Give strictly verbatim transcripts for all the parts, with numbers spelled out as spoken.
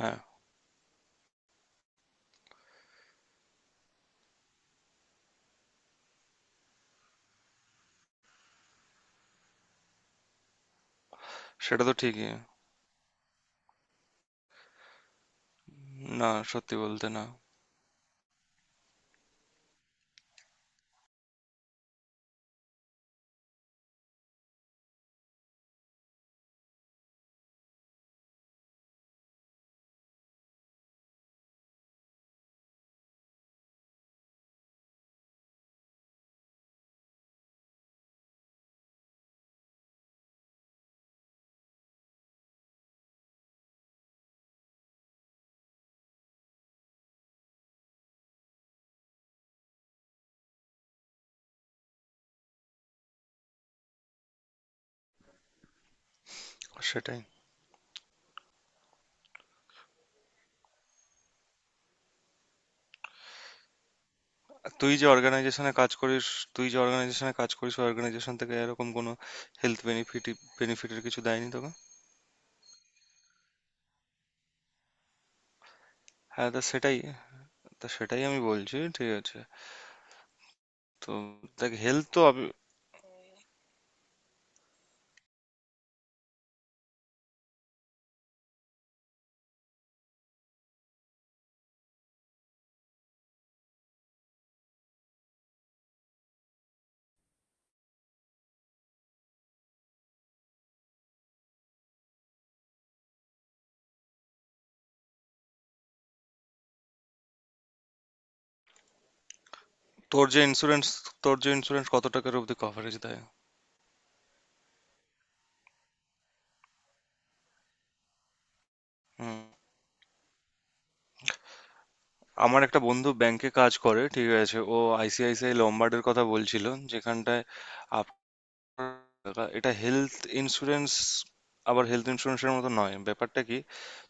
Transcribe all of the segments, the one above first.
হ্যাঁ, সেটা তো ঠিকই। না, সত্যি বলতে না। সেটাই। তুই যে অর্গানাইজেশনে কাজ করিস, তুই যে অর্গানাইজেশনে কাজ করিস, ওই অর্গানাইজেশন থেকে এরকম কোনো হেলথ বেনিফিট বেনিফিটের কিছু দেয়নি তোকে? হ্যাঁ, তা সেটাই তা সেটাই আমি বলছি, ঠিক আছে। তো দেখ হেলথ তো আমি- তোর যে ইন্স্যুরেন্স তোর যে ইন্স্যুরেন্স কত টাকার অবধি কভারেজ দেয়? হুম। আমার একটা বন্ধু ব্যাংকে কাজ করে, ঠিক আছে। ও আইসিআইসিআই লম্বার্ডের কথা বলছিল, যেখানটায় দাদা এটা হেলথ ইন্স্যুরেন্স আবার হেলথ ইন্স্যুরেন্সের মতো নয়। ব্যাপারটা কি,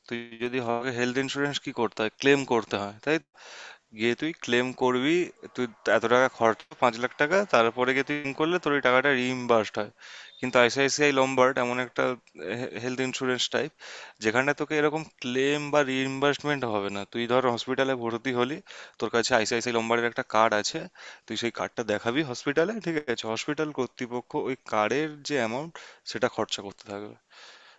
তুই যদি হয় হেলথ ইন্স্যুরেন্স কি করতে হয়, ক্লেম করতে হয় তাই গিয়ে তুই ক্লেম করবি। তুই এত টাকা খরচ পাঁচ লাখ টাকা তারপরে গিয়ে তুই claim করলে তোর ওই টাকাটা রিইম্বার্সড হয়। কিন্তু আইসিআইসিআই লম্বার্ড এমন একটা হেলথ ইন্স্যুরেন্স টাইপ, যেখানে তোকে এরকম ক্লেম বা রিইম্বার্সমেন্ট হবে না। তুই ধর হসপিটালে ভর্তি হলি, তোর কাছে আইসিআইসিআই লম্বার্ডের একটা কার্ড আছে, তুই সেই কার্ডটা দেখাবি হসপিটালে, ঠিক আছে। হসপিটাল কর্তৃপক্ষ ওই কার্ডের যে অ্যামাউন্ট, সেটা খরচা করতে থাকে।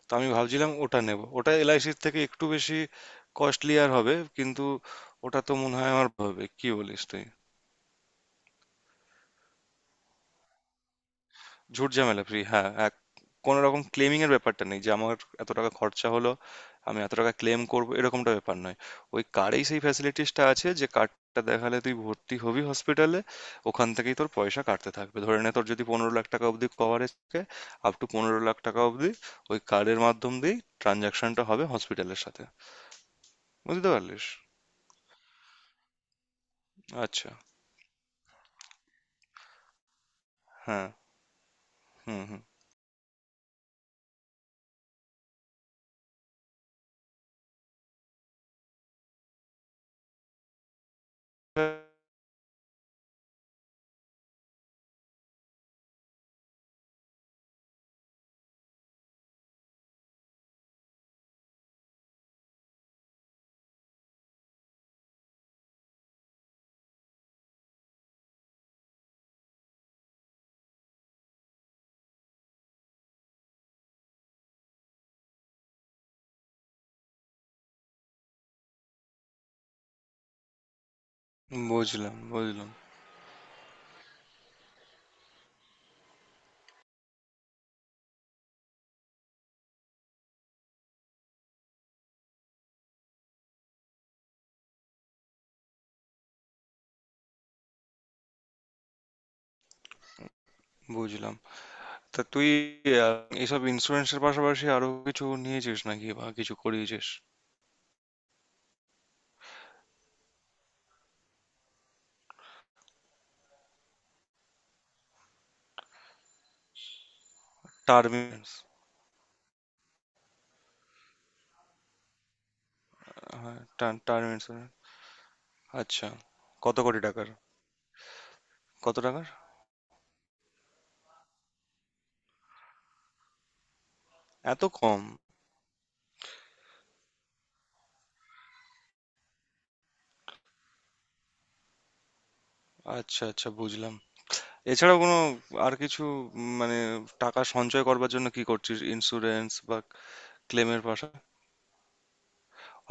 তো আমি ভাবছিলাম ওটা নেব, ওটা এলআইসির থেকে একটু বেশি কস্টলি আর হবে, কিন্তু ওটা তো মনে হয় আমার হবে, কি বলিস তুই? ঝুট ঝামেলা ফ্রি, হ্যাঁ, এক কোনো রকম ক্লেমিং এর ব্যাপারটা নেই, যে আমার এত টাকা খরচা হলো, আমি এত টাকা ক্লেম করব, এরকমটা ব্যাপার নয়। ওই কার্ডেই সেই ফ্যাসিলিটিসটা আছে, যে কার্ডটা দেখালে তুই ভর্তি হবি হসপিটালে, ওখান থেকেই তোর পয়সা কাটতে থাকবে। ধরে নে তোর যদি পনেরো লাখ টাকা অবধি কভারেজ থাকে, আপ টু পনেরো লাখ টাকা অবধি, ওই কার্ডের মাধ্যম দিয়েই ট্রানজাকশনটা হবে হসপিটালের সাথে। বুঝতে পারলিস? আচ্ছা, হ্যাঁ, হুম, হুম। বুঝলাম, বুঝলাম, বুঝলাম। তা তুই, আ, এসব ইন্সুরেন্সের পাশাপাশি আরো কিছু নিয়েছিস নাকি বা কিছু করিয়েছিস? Term insurance. হ্যাঁ, টার্ম টার্ম ইন্সুরেন্স। আচ্ছা। কত কোটি টাকার? কত টাকার? এত কম? আচ্ছা, আচ্ছা, বুঝলাম। এছাড়াও কোনো আর কিছু, উম, মানে টাকা সঞ্চয় করবার জন্য কি করছিস? ইন্সুরেন্স বা ক্লেমের পাশা,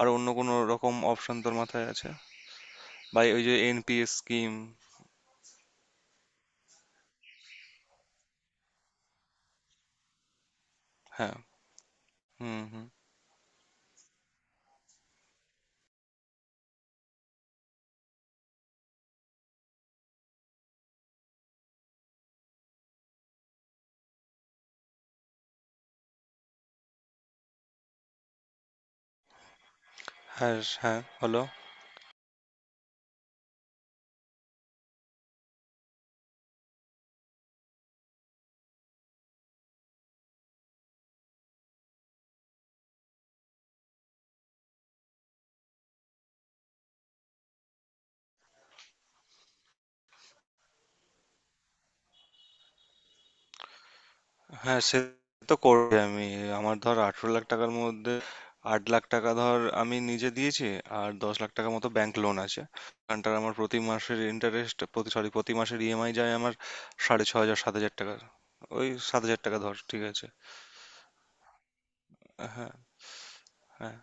আর অন্য কোনো রকম অপশন তোর মাথায় আছে? বা ওই যে এনপিএস স্কিম? হ্যাঁ, হুম, হুম। হ্যাঁ, হ্যাঁ, হলো। হ্যাঁ সে তো করবে। আমি আমার ধর আঠারো লাখ টাকার মধ্যে আট লাখ টাকা ধর আমি নিজে দিয়েছি, আর দশ লাখ টাকা মতো ব্যাংক লোন আছে। ওখানটার আমার প্রতি মাসের ইন্টারেস্ট, প্রতি, সরি, প্রতি মাসের ইএমআই যায় আমার সাড়ে ছ হাজার, সাত হাজার টাকা। ওই সাত হাজার টাকা ধর, ঠিক আছে। হ্যাঁ, হ্যাঁ।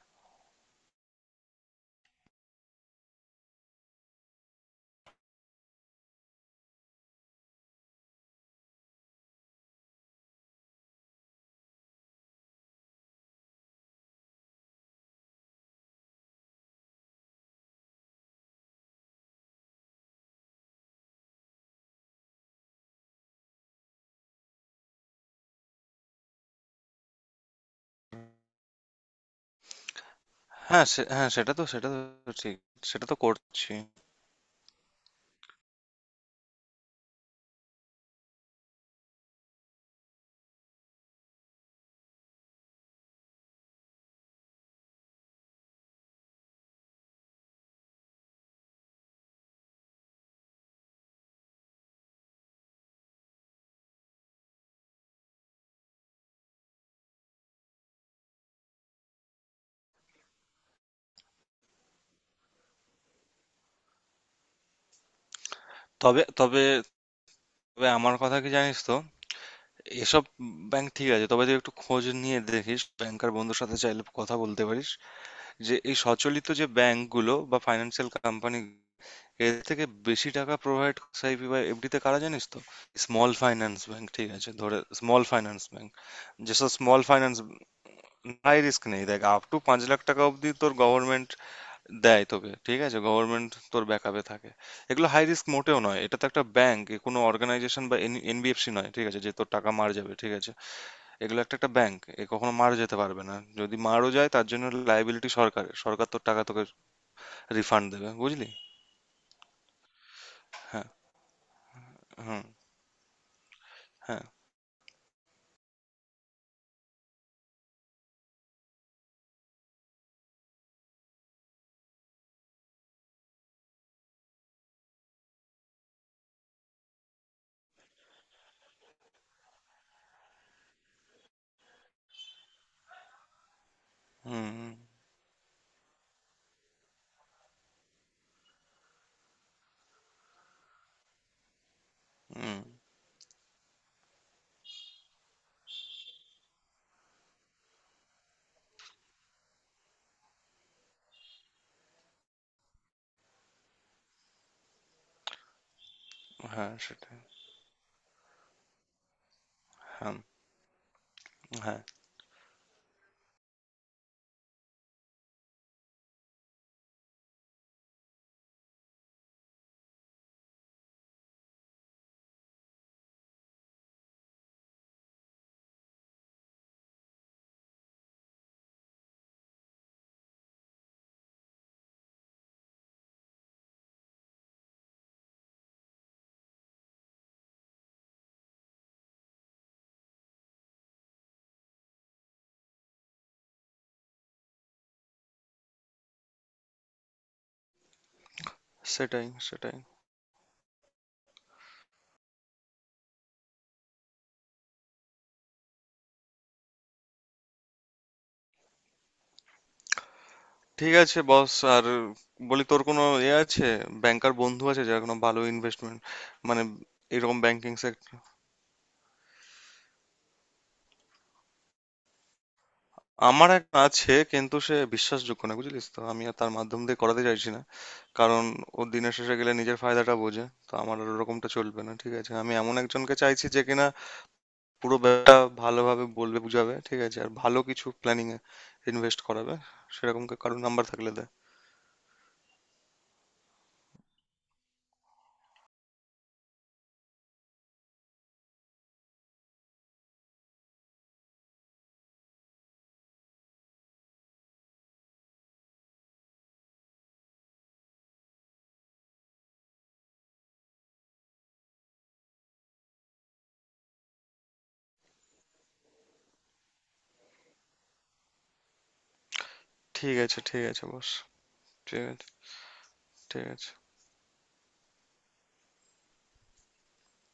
হ্যাঁ সে- হ্যাঁ সেটা তো সেটা তো ঠিক, সেটা তো করছি। তবে তবে তবে আমার কথা কি জানিস তো, এসব ব্যাংক ঠিক আছে, তবে তুই একটু খোঁজ নিয়ে দেখিস, ব্যাংকার বন্ধুর সাথে চাইলে কথা বলতে পারিস, যে এই সচলিত যে ব্যাংকগুলো বা ফাইন্যান্সিয়াল কোম্পানি, এর থেকে বেশি টাকা প্রোভাইড এসআইপি বা এফডিতে কারা জানিস তো? স্মল ফাইন্যান্স ব্যাংক, ঠিক আছে, ধরে স্মল ফাইন্যান্স ব্যাংক। যেসব স্মল ফাইন্যান্স হাই রিস্ক নেই, দেখ আপ টু পাঁচ লাখ টাকা অবধি তোর গভর্নমেন্ট দেয় তোকে, ঠিক আছে। গভর্নমেন্ট তোর ব্যাকআপে থাকে। এগুলো হাই রিস্ক মোটেও নয়, এটা তো একটা ব্যাংক। এ কোনো অর্গানাইজেশন বা এনবিএফসি নয়, ঠিক আছে, যে তোর টাকা মার যাবে, ঠিক আছে। এগুলো একটা একটা ব্যাংক, এ কখনো মারা যেতে পারবে না। যদি মারও যায়, তার জন্য লায়াবিলিটি সরকারের, সরকার তোর টাকা তোকে রিফান্ড দেবে, বুঝলি? হ্যাঁ, হুম, হ্যাঁ, হুম, হুম, হুম, হ্যাঁ সেটাই, হ্যাঁ, হ্যাঁ সেটাই, সেটাই। ঠিক আছে বস। আর বলি তোর কোনো এ আছে ব্যাংকার বন্ধু আছে যার কোনো ভালো ইনভেস্টমেন্ট, মানে এরকম ব্যাংকিং সেক্টর? আমার একটা আছে, কিন্তু সে বিশ্বাসযোগ্য না, বুঝলিস তো, আমি আর তার মাধ্যম দিয়ে করাতে চাইছি না। কারণ ও দিনের শেষে গেলে নিজের ফায়দাটা বোঝে, তো আমার আর ওরকমটা চলবে না, ঠিক আছে। আমি এমন একজনকে চাইছি যে কিনা পুরো ব্যাপারটা ভালোভাবে বলবে, বুঝাবে, ঠিক আছে, আর ভালো কিছু প্ল্যানিং এ ইনভেস্ট করাবে। সেরকম কা- কারো নাম্বার থাকলে দেয়। ঠিক আছে, ঠিক আছে বস। ঠিক আছে, ঠিক আছে।